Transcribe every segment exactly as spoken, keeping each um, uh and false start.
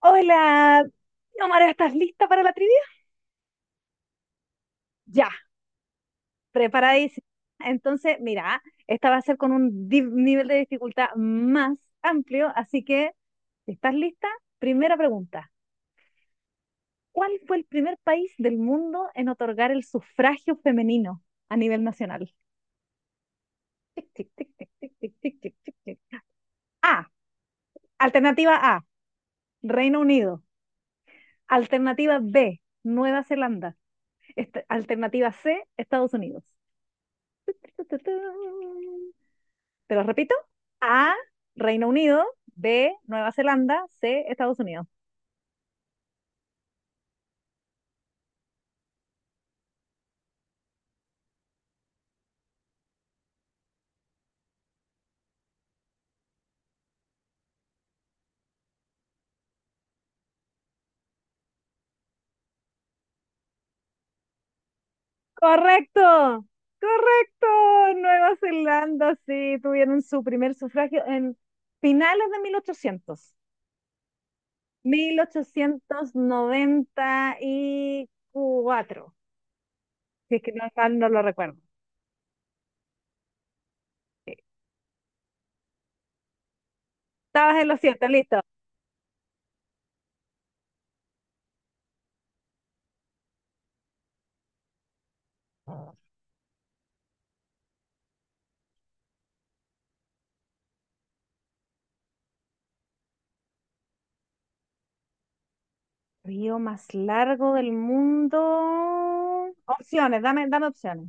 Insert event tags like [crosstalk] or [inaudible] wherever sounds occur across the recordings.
Hola, Omar, ¿estás lista para la trivia? Ya, preparadísima. Entonces, mira, esta va a ser con un di- nivel de dificultad más amplio, así que, si estás lista, primera pregunta. ¿Cuál fue el primer país del mundo en otorgar el sufragio femenino a nivel nacional? Tic, tic, tic, tic, tic, tic, tic, tic, tic, tic. A, alternativa A, Reino Unido. Alternativa B, Nueva Zelanda. Este- alternativa C, Estados Unidos. Tu, tu, tu. Te lo repito. A, Reino Unido. B, Nueva Zelanda. C, Estados Unidos. Correcto. Correcto. Nueva Zelanda, sí, tuvieron su primer sufragio en finales de mil ochocientos. mil ochocientos noventa y cuatro. Si es que no, mal no lo recuerdo. Sí. Estabas en los cierto, listo. Río más largo del mundo. Opciones, dame, dame opciones.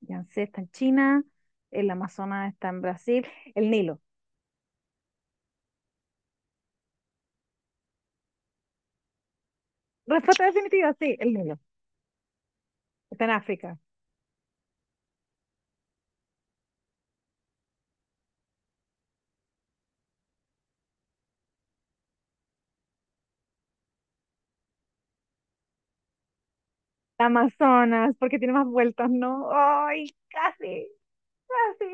Yangtze está en China, el Amazonas está en Brasil, el Nilo. Respuesta definitiva, sí, el Nilo. Está en África. Amazonas, porque tiene más vueltas, ¿no? ¡Ay, casi! ¡Casi!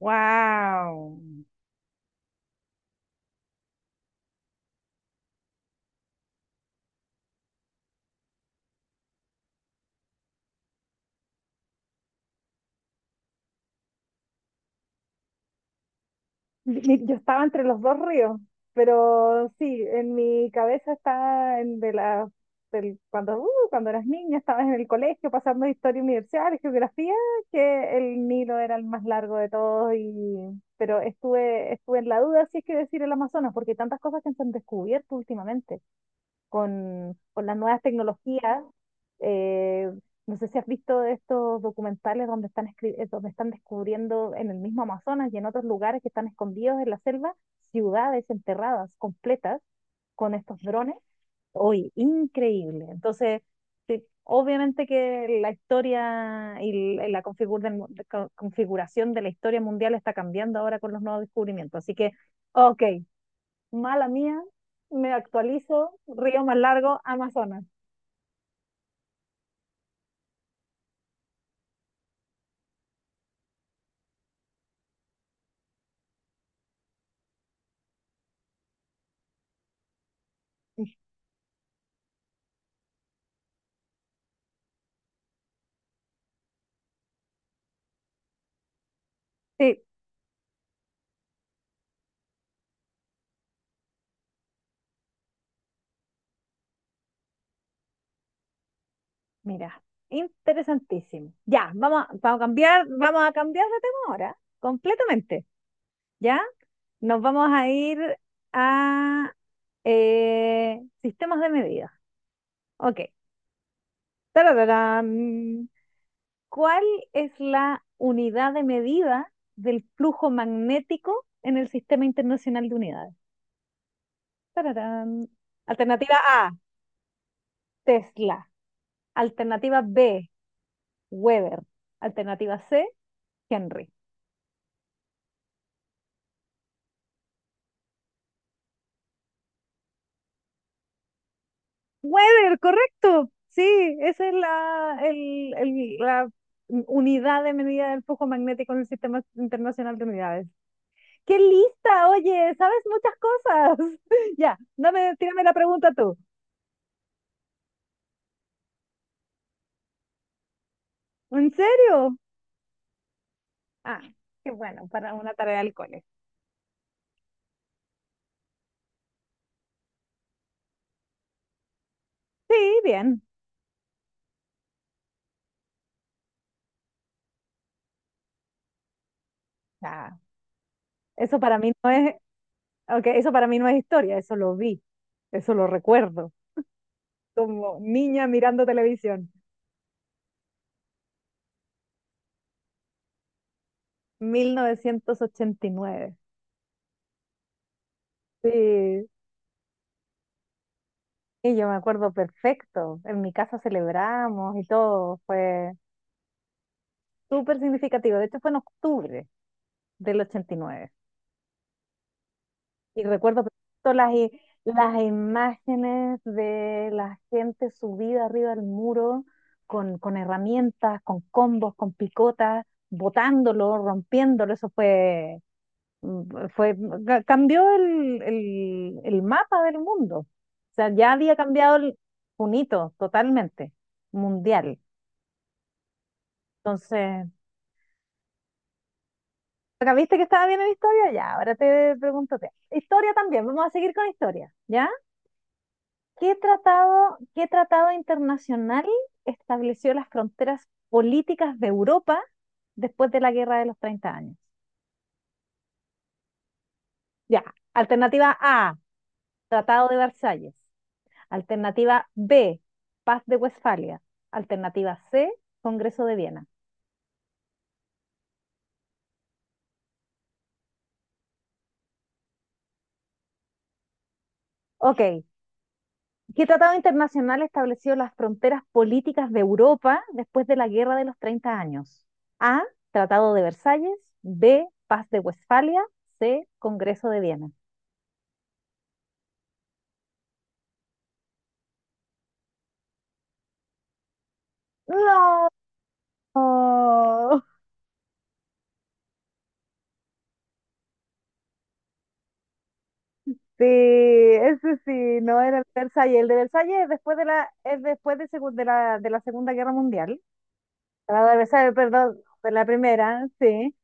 ¡Wow! Mi- mi- Yo estaba entre los dos ríos, pero sí, en mi cabeza estaba en de la, del- cuando, uh, cuando eras niña, estabas en el colegio pasando historia universal, geografía, que el Nilo era el más largo de todos, y, pero estuve, estuve en la duda si es que decir el Amazonas, porque hay tantas cosas que se han descubierto últimamente con, con las nuevas tecnologías. eh, no sé si has visto estos documentales donde están, escri- eh, donde están descubriendo en el mismo Amazonas y en otros lugares que están escondidos en la selva, ciudades enterradas completas con estos drones. Hoy, increíble. Entonces, sí, obviamente que la historia y l- la configur- del mu- de co- configuración de la historia mundial está cambiando ahora con los nuevos descubrimientos. Así que, ok, mala mía, me actualizo, río más largo, Amazonas. Sí, mira, interesantísimo. Ya, vamos, a- vamos a cambiar, vamos a cambiar de tema ahora, completamente. ¿Ya? Nos vamos a ir a eh, sistemas de medida. Ok. Tarararán. ¿Cuál es la unidad de medida del flujo magnético en el Sistema Internacional de Unidades? Tararán. Alternativa A, Tesla. Alternativa B, Weber. Alternativa C, Henry. Weber, correcto. Sí, esa es la, el- el- la unidad de medida del flujo magnético en el Sistema Internacional de Unidades. ¡Qué lista! Oye, sabes muchas cosas. [laughs] Ya, dame, tírame la pregunta tú. ¿En serio? Ah, qué bueno, para una tarea del cole. Sí, bien. Ya, eso para mí no es, ok, eso para mí no es historia, eso lo vi, eso lo recuerdo. Como niña mirando televisión. Mil novecientos ochenta y nueve. Sí, y yo me acuerdo perfecto. En mi casa celebramos y todo. Fue súper significativo. De hecho, fue en octubre del ochenta y nueve. Y nueve. Y recuerdo perfecto las, i- las imágenes de la gente subida arriba del muro con, con herramientas, con combos, con picotas, botándolo, rompiéndolo. Eso fue mm, fue, ca- cambió el, el- el mapa del mundo. O sea, ya había cambiado el, un hito totalmente, mundial. Entonces, acá viste que estaba bien en historia, ya, ahora te pregunto, te- historia también, vamos a seguir con historia, ¿ya? ¿Qué tratado, qué tratado internacional estableció las fronteras políticas de Europa después de la Guerra de los Treinta Años? Ya, alternativa A, Tratado de Versalles. Alternativa B, Paz de Westfalia. Alternativa C, Congreso de Viena. Ok. ¿Qué tratado internacional estableció las fronteras políticas de Europa después de la Guerra de los Treinta Años? A, Tratado de Versalles. B, Paz de Westfalia. C, Congreso de Viena. No. Sí, ese sí, no era el de Versalles. El de Versalles es después de la, es después de, segun- de la, de la Segunda Guerra Mundial. Tratado de Versalles, perdón, de la primera, sí.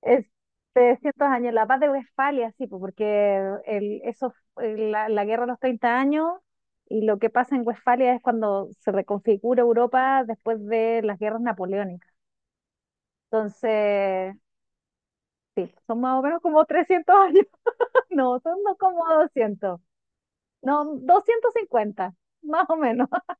Este, cientos de años, la Paz de Westfalia, sí, pues, porque el, eso, el- la, la guerra de los treinta años y lo que pasa en Westfalia es cuando se reconfigura Europa después de las guerras napoleónicas. Entonces, sí, son más o menos como trescientos años. [laughs] No, son no como doscientos. No, doscientos cincuenta más o menos. [laughs]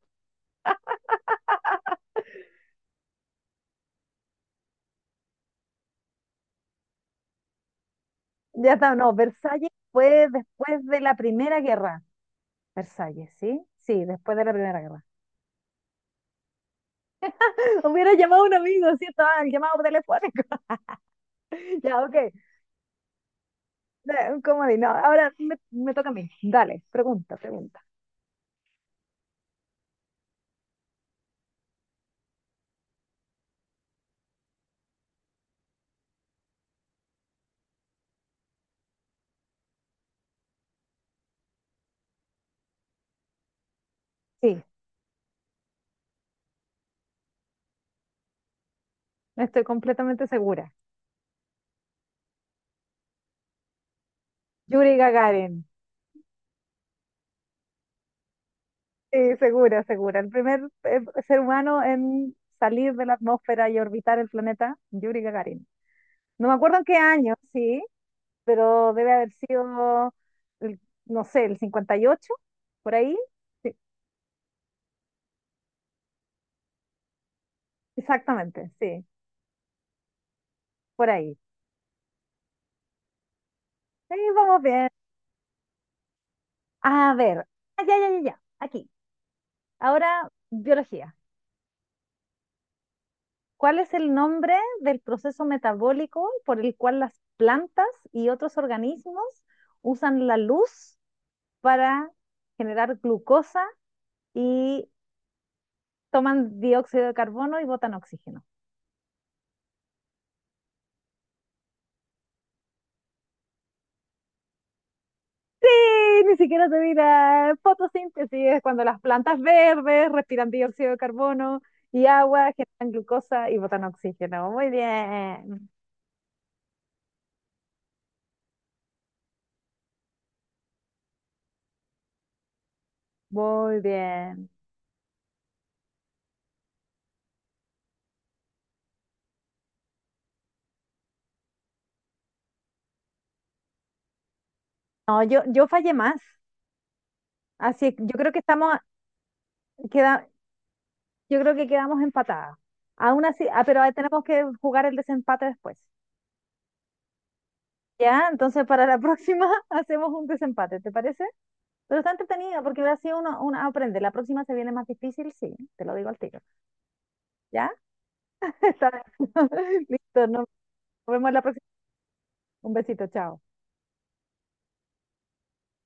Ya está, no, Versalles fue después de la Primera Guerra. Versalles, ¿sí? Sí, después de la Primera Guerra. Hubiera llamado a un amigo, cierto, estaba el llamado telefónico. [laughs] Ya, ok. Da- Un comodín. No, ahora me, me toca a mí. Dale, pregunta, pregunta. Sí, estoy completamente segura. Yuri Gagarin. Sí, segura, segura. El primer eh, ser humano en salir de la atmósfera y orbitar el planeta, Yuri Gagarin. No me acuerdo en qué año, sí, pero debe haber sido, el- no sé, el cincuenta y ocho, por ahí. Sí, exactamente, sí, por ahí. Sí, vamos bien. A ver. Ah, ya, ya, ya, ya. Aquí. Ahora, biología. ¿Cuál es el nombre del proceso metabólico por el cual las plantas y otros organismos usan la luz para generar glucosa y toman dióxido de carbono y botan oxígeno? Sí, ni siquiera te mira fotosíntesis, es cuando las plantas verdes respiran dióxido de carbono y agua, generan glucosa y botan oxígeno. Muy bien, muy bien. No, yo, yo fallé más. Así, yo creo que estamos, queda, yo creo que quedamos empatadas. Aún así, ah, pero ahí tenemos que jugar el desempate después. Ya, entonces para la [laughs] próxima hacemos un desempate, ¿te parece? Pero está entretenido porque así uno, uno aprende. La próxima se viene más difícil, sí, te lo digo al tiro. ¿Ya? [laughs] Está bien. [laughs] Listo, nos vemos la próxima. Un besito, chao.